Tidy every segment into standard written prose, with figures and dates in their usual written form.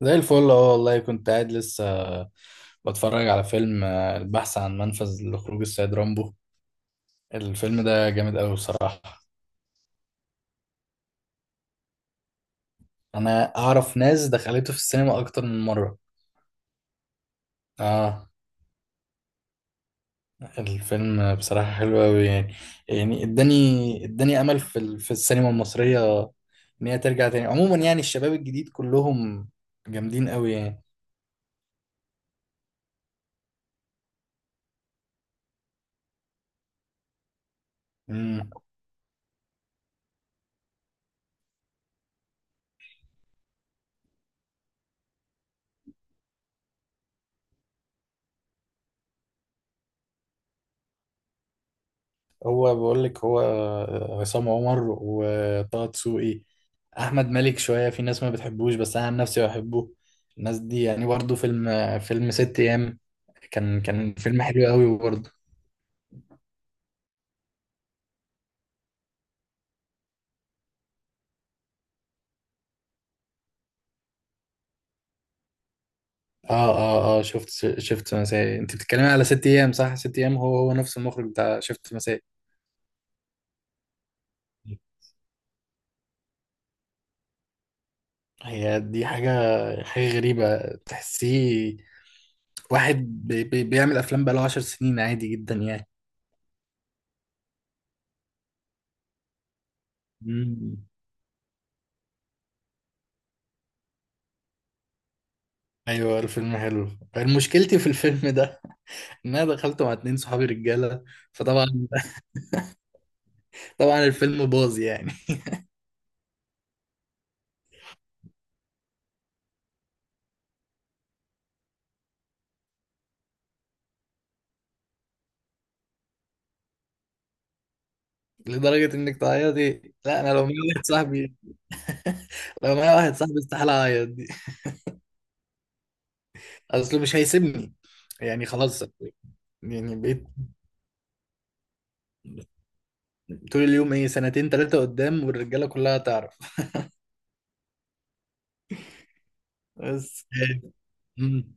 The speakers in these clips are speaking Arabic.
زي الفل، اه والله كنت قاعد لسه بتفرج على فيلم البحث عن منفذ لخروج السيد رامبو. الفيلم ده جامد قوي بصراحة. انا اعرف ناس دخلته في السينما اكتر من مرة. اه، الفيلم بصراحة حلو قوي يعني. يعني اداني امل في السينما المصرية، ان هي ترجع تاني. عموما يعني الشباب الجديد كلهم جامدين قوي يعني. مم. هو بقول لك، هو عصام عمر وطه دسوقي احمد مالك. شويه في ناس ما بتحبوش بس انا عن نفسي بحبه. الناس دي يعني برضه، فيلم ست ايام كان فيلم حلو قوي برضه. اه، اه، اه، شفت مسائي. انت بتتكلمي على ست ايام، صح؟ ست ايام هو نفس المخرج بتاع شفت مسائي. هي دي حاجه، حاجه غريبه. تحسيه واحد بي بي بيعمل افلام بقاله 10 سنين عادي جدا يعني. مم. ايوه الفيلم حلو. مشكلتي في الفيلم ده ان انا دخلته مع اتنين صحابي رجاله، فطبعا، طبعا الفيلم باظ يعني. لدرجة انك تعيطي؟ لا، انا لو معايا واحد صاحبي لو معايا واحد صاحبي استحالة اعيط دي، اصله مش هيسيبني. يعني خلاص، يعني بقيت طول اليوم ايه سنتين تلاتة قدام والرجالة كلها تعرف. بس. مم.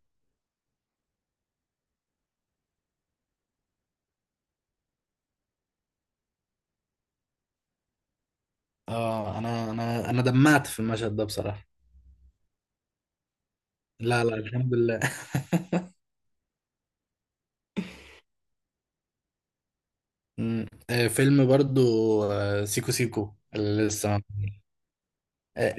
اه، انا دمعت في المشهد ده بصراحة. لا، لا، الحمد لله. مم. فيلم برضو، سيكو سيكو اللي لسه. آه،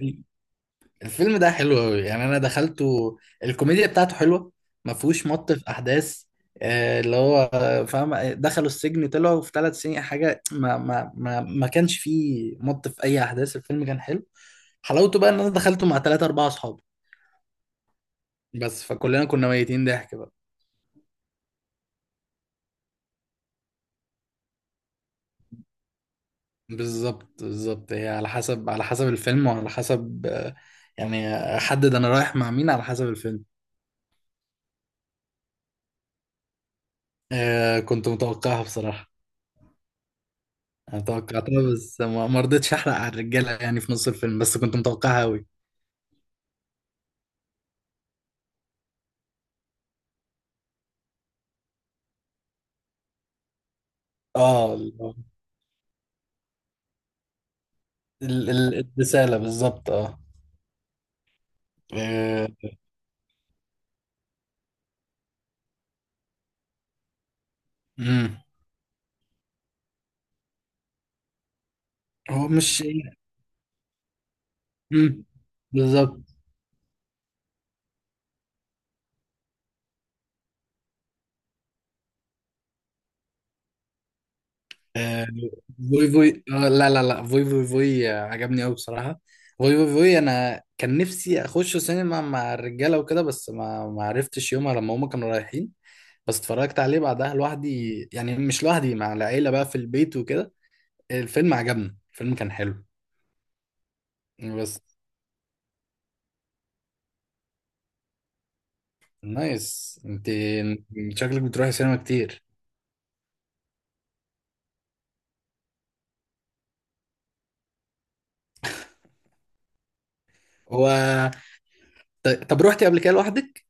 الفيلم ده حلو قوي يعني. انا دخلته، الكوميديا بتاعته حلوه، ما فيهوش مط في احداث. اللي هو فاهم. دخلوا السجن طلعوا في 3 سنين حاجه، ما كانش فيه مط في اي احداث. الفيلم كان حلو. حلاوته بقى ان انا دخلته مع ثلاثة اربعة اصحاب، بس فكلنا كنا ميتين ضحك بقى. بالظبط، بالظبط. هي على حسب، على حسب الفيلم، وعلى حسب يعني احدد انا رايح مع مين على حسب الفيلم. كنت متوقعها بصراحه. انا توقعتها بس ما رضيتش احرق على الرجاله يعني في نص الفيلم، بس كنت متوقعها قوي. اه، الرساله بالظبط، اه. آه، امم هو مش، امم بالظبط. آه، فوي فوي، آه، لا لا لا، فوي فوي فوي، عجبني قوي بصراحه. فوي فوي فوي، انا كان نفسي اخش سينما مع الرجاله وكده، بس ما عرفتش يومها لما هما كانوا رايحين. بس اتفرجت عليه بعدها لوحدي، يعني مش لوحدي، مع العيله بقى في البيت وكده. الفيلم عجبني، الفيلم كان حلو. بس نايس انت، شكلك بتروحي سينما كتير. هو طب روحتي قبل كده لوحدك؟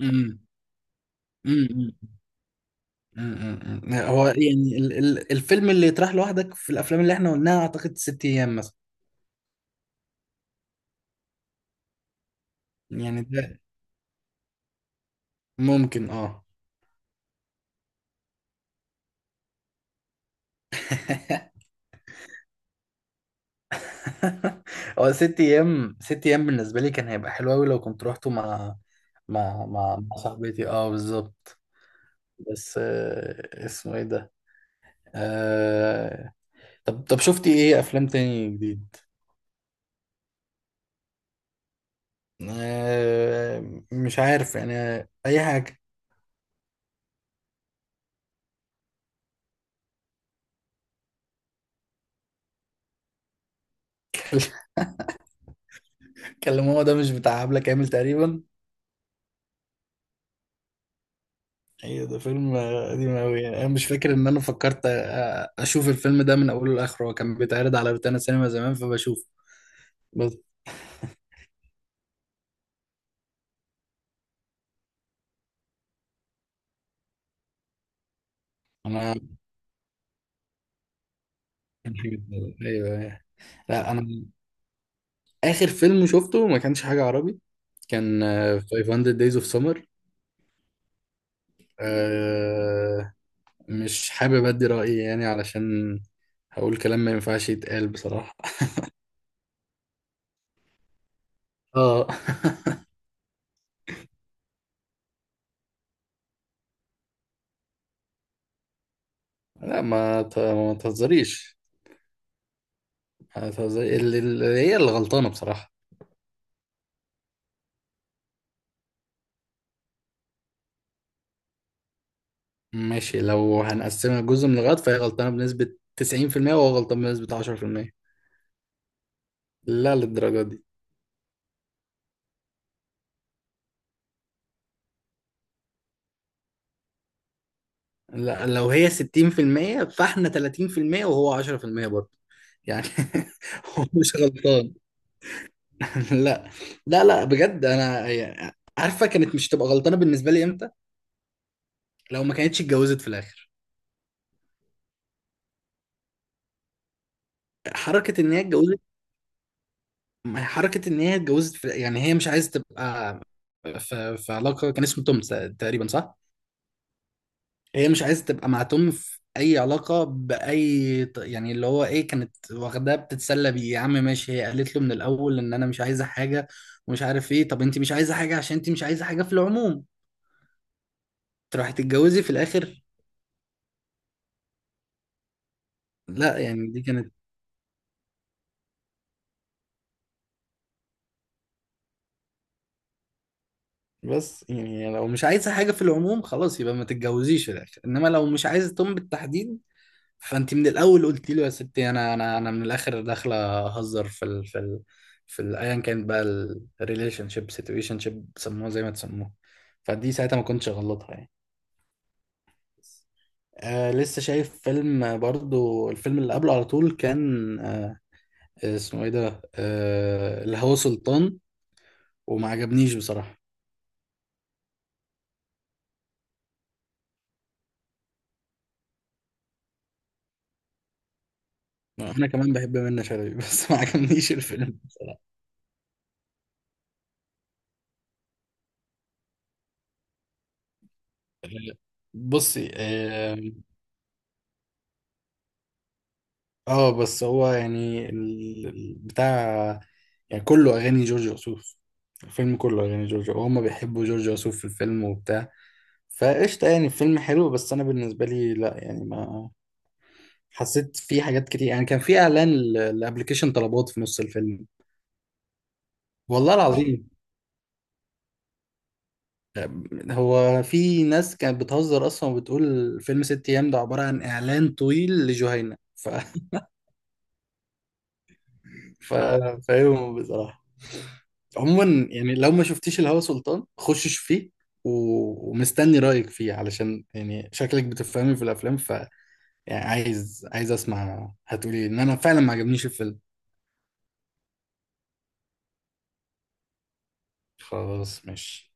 امم امم هو يعني الفيلم اللي يطرح لوحدك في الافلام اللي احنا قلناها اعتقد ست ايام مثلا. يعني ده ممكن، اه. هو ست ايام، ست ايام بالنسبه لي كان هيبقى حلو قوي لو كنت روحته مع صاحبتي، اه بالظبط. بس اسمه ايه ده؟ آه... طب شفتي ايه افلام تاني جديد؟ مش عارف يعني، اي حاجه. كلم ماما ده مش بتاع عبله كامل تقريبا؟ ايوه، ده فيلم قديم قوي يعني. انا مش فاكر ان انا فكرت اشوف الفيلم ده من اوله لاخره. هو كان بيتعرض على روتانا سينما زمان فبشوفه. بس انا كان حاجة كده. ايوه، أيوة. لا، انا اخر فيلم شفته ما كانش حاجه عربي، كان 500 Days of Summer. آه، مش حابب ادي رايي يعني علشان هقول كلام ما ينفعش يتقال بصراحه. اه. لا، ما تهزريش، ما تهزري- ال- ال- هي اللي غلطانة بصراحة. ماشي، لو هنقسمها جزء من الغلط فهي غلطانة بنسبة 90% وهو غلطان بنسبة 10%. لا للدرجة دي. لا لو هي 60% فاحنا 30% وهو 10% برضه، يعني هو مش غلطان. لا، لا، لا، بجد. انا يعني عارفة كانت مش تبقى غلطانة بالنسبة لي امتى؟ لو ما كانتش اتجوزت في الاخر. حركة ان هي اتجوزت. ما هي حركة إن هي اتجوزت يعني هي مش عايزة تبقى في علاقة، كان اسمه توم، تقريبا صح؟ هي مش عايزة تبقى مع توم في أي علاقة بأي يعني اللي هو إيه، كانت واخداه بتتسلى بيه يا عم، ماشي، هي قالت له من الأول إن أنا مش عايزة حاجة، ومش عارف إيه. طب أنت مش عايزة حاجة، عشان أنت مش عايزة حاجة في العموم، تروحي تتجوزي في الآخر؟ لا يعني دي كانت. بس يعني لو مش عايزة حاجة في العموم خلاص يبقى ما تتجوزيش في الآخر، إنما لو مش عايزة توم بالتحديد، فانت من الاول قلت له يا ستي، انا من الاخر داخله اهزر ايا كانت بقى، الريليشن شيب، سيتويشن شيب، سموها زي ما تسموها. فدي ساعتها ما كنتش غلطها يعني. آه لسه شايف فيلم، برضو الفيلم اللي قبله على طول، كان آه، اسمه ايه ده، الهوى سلطان، وما عجبنيش بصراحة. انا كمان بحب منة شلبي بس ما عجبنيش الفيلم بصراحة. آه، بصي، اه بس هو يعني بتاع، يعني كله اغاني جورج وسوف. الفيلم كله اغاني جورج، وهم بيحبوا جورج وسوف في الفيلم وبتاع. فقشطه يعني الفيلم حلو، بس انا بالنسبه لي لا يعني، ما حسيت. في حاجات كتير يعني، كان في اعلان لابلكيشن طلبات في نص الفيلم، والله العظيم. هو في ناس كانت بتهزر اصلا وبتقول فيلم ست ايام ده عباره عن اعلان طويل لجهينة، ف... فاهمهم بصراحه. عموما يعني لو ما شفتيش الهوى سلطان خش شوف فيه، ومستني رأيك فيه علشان يعني شكلك بتفهمي في الأفلام، يعني عايز أسمع هتقولي إن أنا فعلا ما عجبنيش الفيلم. خلاص ماشي.